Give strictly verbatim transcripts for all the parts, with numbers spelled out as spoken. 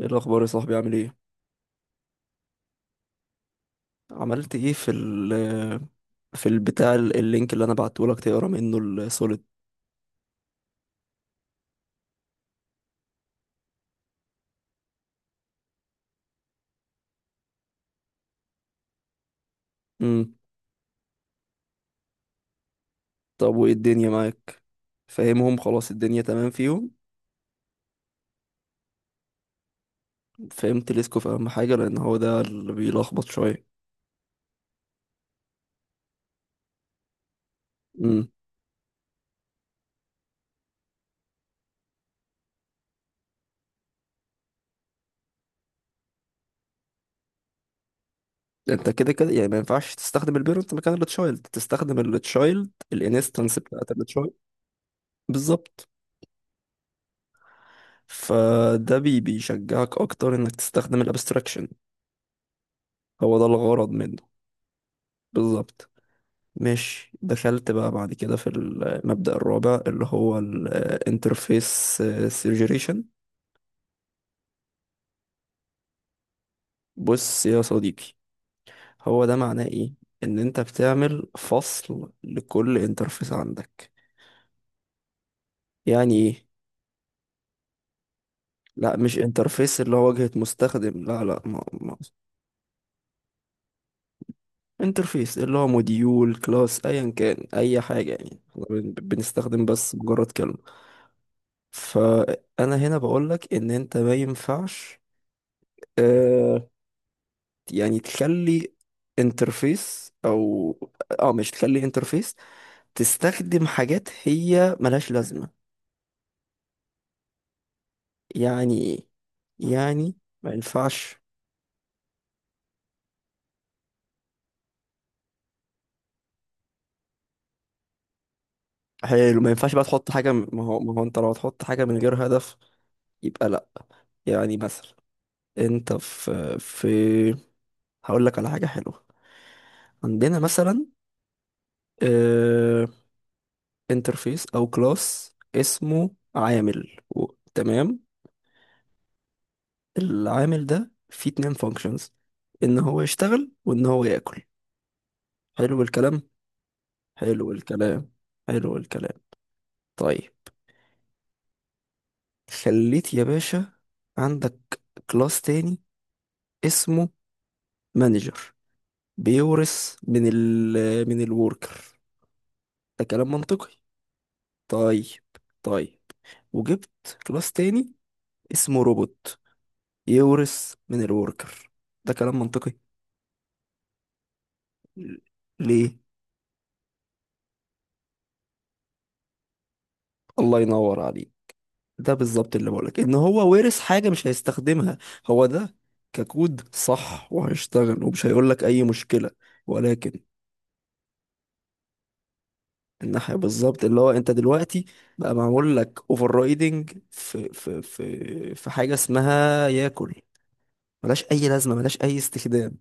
ايه الاخبار يا صاحبي؟ عامل ايه؟ عملت ايه في ال في البتاع ال- اللينك اللي انا بعته لك تقرا منه السوليد؟ امم طب وايه الدنيا معاك؟ فاهمهم خلاص؟ الدنيا تمام فيهم؟ فهمت ليسكو في اهم حاجه، لان هو ده اللي بيلخبط شويه. امم انت كده كده يعني ما ينفعش تستخدم البيرنت مكان التشايلد، تستخدم التشايلد، الانستنس بتاعت التشايلد. بالظبط. فده بي بيشجعك اكتر انك تستخدم الابستراكشن، هو ده الغرض منه. بالظبط. ماشي، دخلت بقى بعد كده في المبدأ الرابع اللي هو الانترفيس سيجريشن. بص يا صديقي، هو ده معناه ايه؟ ان انت بتعمل فصل لكل انترفيس عندك. يعني ايه؟ لا، مش انترفيس اللي هو واجهة مستخدم، لا لا، ما ما انترفيس اللي هو موديول، كلاس، ايا كان اي حاجة، يعني احنا بن- بنستخدم بس مجرد كلمة. فانا هنا بقولك ان انت ما ينفعش، آه، يعني تخلي انترفيس او اه مش تخلي انترفيس، تستخدم حاجات هي ملهاش لازمة. يعني ايه؟ يعني ما ينفعش. حلو، ما ينفعش بقى تحط حاجة، ما هو ما هو انت لو هتحط حاجة من غير هدف يبقى لا. يعني مثلا انت في في هقول لك على حاجة حلوة. عندنا مثلا انترفيس او كلاس اسمه عامل و... تمام. العامل ده فيه اتنين فانكشنز، ان هو يشتغل وان هو ياكل. حلو الكلام. حلو الكلام. حلو الكلام. طيب، خليت يا باشا عندك كلاس تاني اسمه مانجر، بيورث من ال من الوركر، ده كلام منطقي. طيب طيب، وجبت كلاس تاني اسمه روبوت، يورث من الوركر، ده كلام منطقي. ل- ليه؟ الله ينور عليك، ده بالظبط اللي بقولك، ان هو وارث حاجة مش هيستخدمها. هو ده، ككود صح وهيشتغل ومش هيقولك اي مشكلة، ولكن الناحية بالظبط، اللي هو انت دلوقتي بقى معمول لك اوفر رايدنج في في في في حاجة اسمها ياكل، ملهاش اي لازمة، ملهاش اي استخدام.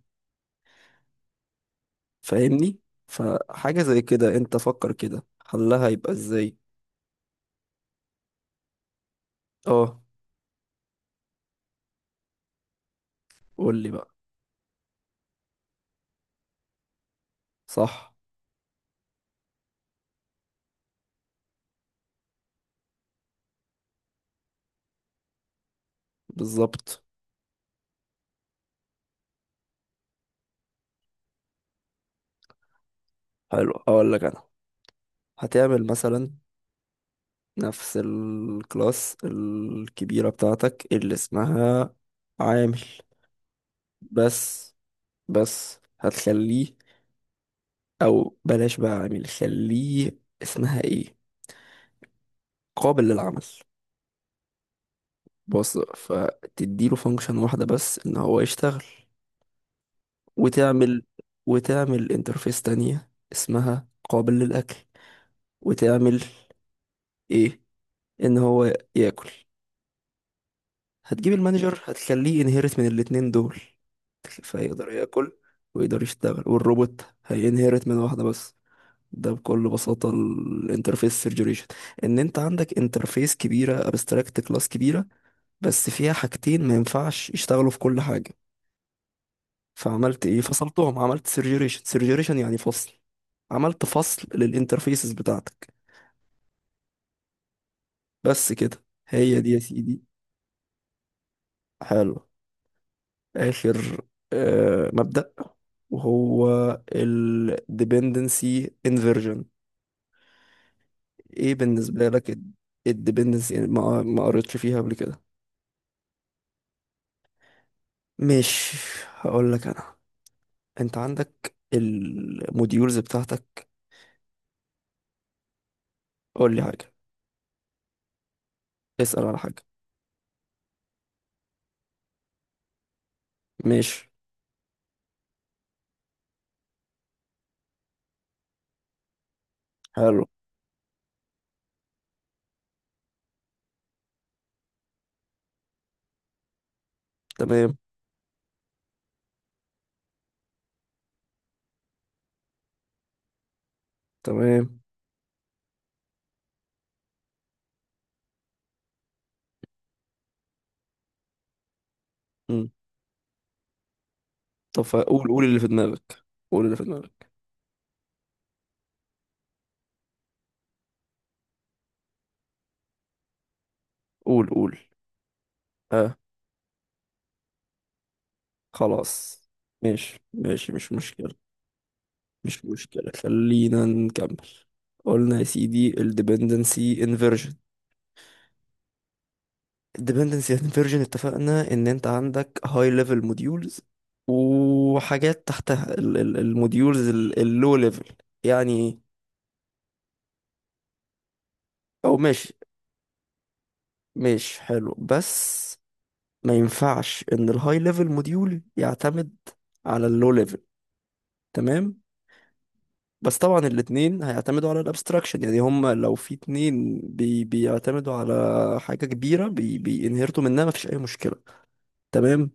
فاهمني؟ فحاجة زي كده انت فكر كده، حلها يبقى ازاي؟ اه، قول لي بقى. صح. بالظبط. حلو، اقول لك انا، هتعمل مثلا نفس الكلاس الكبيرة بتاعتك اللي اسمها عامل، بس بس هتخليه، او بلاش بقى عامل، خليه اسمها ايه، قابل للعمل. بص، فتديله فانكشن واحدة بس ان هو يشتغل، وتعمل وتعمل انترفيس تانية اسمها قابل للأكل، وتعمل ايه، ان هو ياكل. هتجيب المانجر هتخليه انهيرت من الاتنين دول، فيقدر ياكل ويقدر يشتغل، والروبوت هينهرت من واحدة بس. ده بكل بساطة الانترفيس سيرجريشن، ان انت عندك انترفيس كبيرة، ابستراكت كلاس كبيرة، بس فيها حاجتين ما ينفعش يشتغلوا في كل حاجة، فعملت ايه، فصلتهم، عملت سيرجريشن، سيرجريشن يعني فصل، عملت فصل للانترفيسز بتاعتك. بس كده، هي دي يا سيدي. حلو، آخر آه، مبدأ وهو ال dependency inversion. ايه بالنسبة لك ال ال dependency؟ يعني ما ما قريتش فيها قبل كده؟ مش، هقول لك انا، انت عندك الموديولز بتاعتك. قول لي حاجة. اسأل على حاجة. ماشي. حلو. تمام. تمام. مم. طب فقول، قول اللي في دماغك. قول اللي في دماغك. قول قول. اه، خلاص، ماشي ماشي، مش مشكلة. مش مشكلة، خلينا نكمل. قلنا يا سيدي ال dependency inversion. ال dependency inversion اتفقنا ان انت عندك high level modules، وحاجات تحتها ال ال الموديولز ال ال low level. يعني ايه؟ او ماشي. ماشي، حلو، بس ما ينفعش ان ال high level module يعتمد على ال low level. تمام، بس طبعا الاتنين هيعتمدوا على الابستراكشن، يعني هم لو في اتنين بي بيعتمدوا على حاجة كبيرة بي بينهرتوا منها مفيش أي مشكلة. تمام.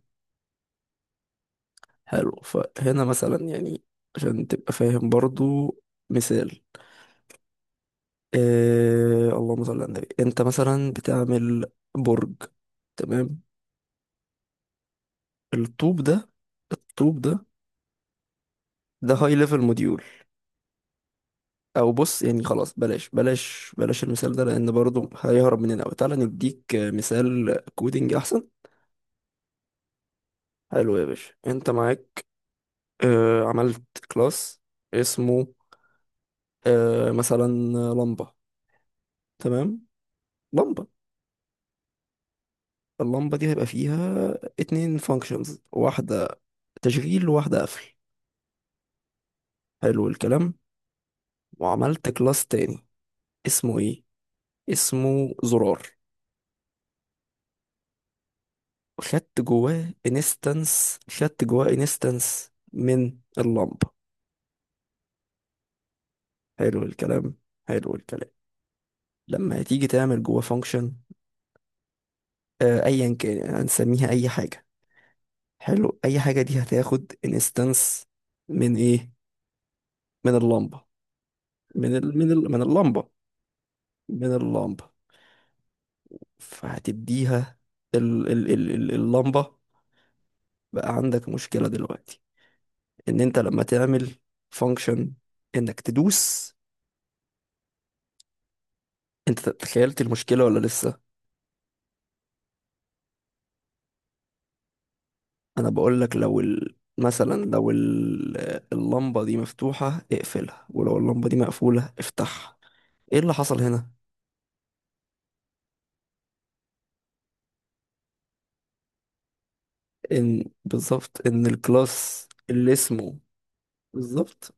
حلو، فهنا مثلا يعني عشان تبقى فاهم برضو، مثال، آه اللهم صل على النبي، انت مثلا بتعمل برج، تمام، الطوب ده، الطوب ده، ده هاي ليفل موديول، او بص يعني خلاص بلاش بلاش بلاش المثال ده، لان برضو هيهرب مننا قوي، تعالى نديك مثال كودينج احسن. حلو يا باشا، انت معاك، آه، عملت كلاس اسمه، آه مثلا، لمبة، تمام، لمبة. اللمبة دي هيبقى فيها اتنين فانكشنز، واحدة تشغيل وواحدة قفل. حلو الكلام. وعملت كلاس تاني اسمه ايه، اسمه زرار، خدت جواه انستنس، خدت جواه انستنس من اللمبة. حلو الكلام. حلو الكلام. لما هتيجي تعمل جواه فانكشن، آه ايا كان، هنسميها اي حاجة، حلو، اي حاجه دي هتاخد انستنس من ايه، من اللمبه، من ال... من ال... من اللمبه، من اللمبه، فهتديها ال... ال... ال... ال- اللمبه. بقى عندك مشكله دلوقتي، ان انت لما تعمل فانكشن، انك تدوس، انت تخيلت المشكله ولا لسه؟ انا بقول لك، لو ال... مثلا لو ال... اللمبه دي مفتوحه اقفلها، ولو اللمبه دي مقفوله افتحها. ايه اللي حصل هنا؟ ان بالظبط ان الكلاس اللي اسمه بالظبط،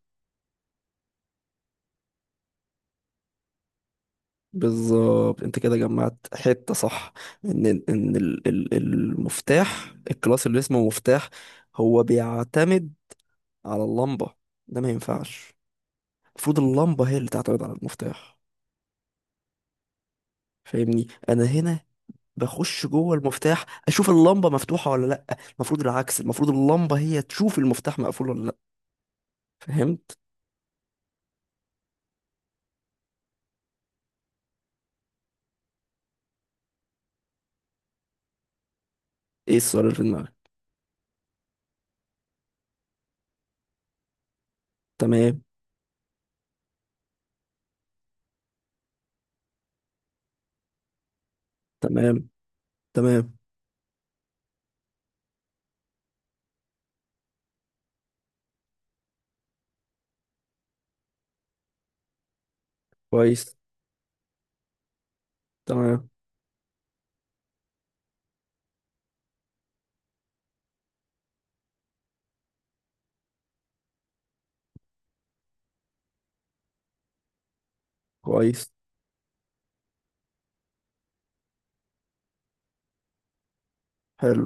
بالظبط، انت كده جمعت حته صح، ان ال- ان ال- ال- المفتاح، الكلاس اللي اسمه مفتاح، هو بيعتمد على اللمبه، ده ما ينفعش. المفروض اللمبه هي اللي تعتمد على المفتاح. فاهمني؟ انا هنا بخش جوه المفتاح اشوف اللمبه مفتوحه ولا لا، المفروض العكس، المفروض اللمبه هي تشوف المفتاح مقفول ولا لا. فهمت؟ ايه السؤال اللي في دماغك؟ تمام. تمام. تمام. كويس. تمام. كويس. حلو.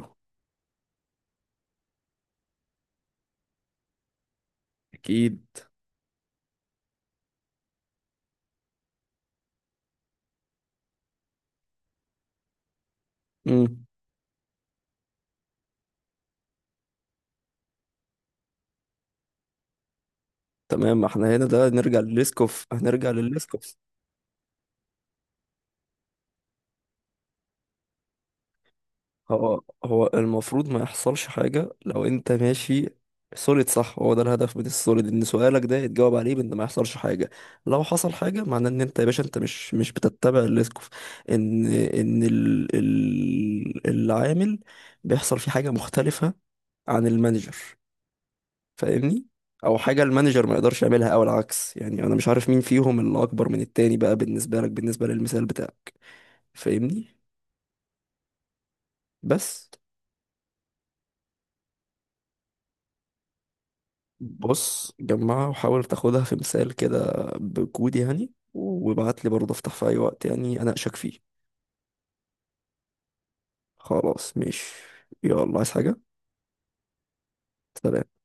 اكيد. تمام. ما احنا هنا ده نرجع للليسكوف، هنرجع للليسكوف. هو هو المفروض ما يحصلش حاجة لو انت ماشي سوليد صح، هو ده الهدف من السوليد، ان سؤالك ده يتجاوب عليه بان ما يحصلش حاجة. لو حصل حاجة معناه ان انت يا باشا انت مش مش بتتبع الليسكوف، ان ان ال... ال... العامل بيحصل فيه حاجة مختلفة عن المانجر. فاهمني؟ او حاجة المانجر ما يقدرش يعملها او العكس، يعني انا مش عارف مين فيهم اللي اكبر من التاني بقى بالنسبة لك، بالنسبة للمثال بتاعك. فاهمني؟ بس بص، جمعها وحاول تاخدها في مثال كده، بكود يعني، وابعت لي برضه، افتح في اي وقت يعني اناقشك فيه. خلاص ماشي. يلا، عايز حاجة؟ سلام.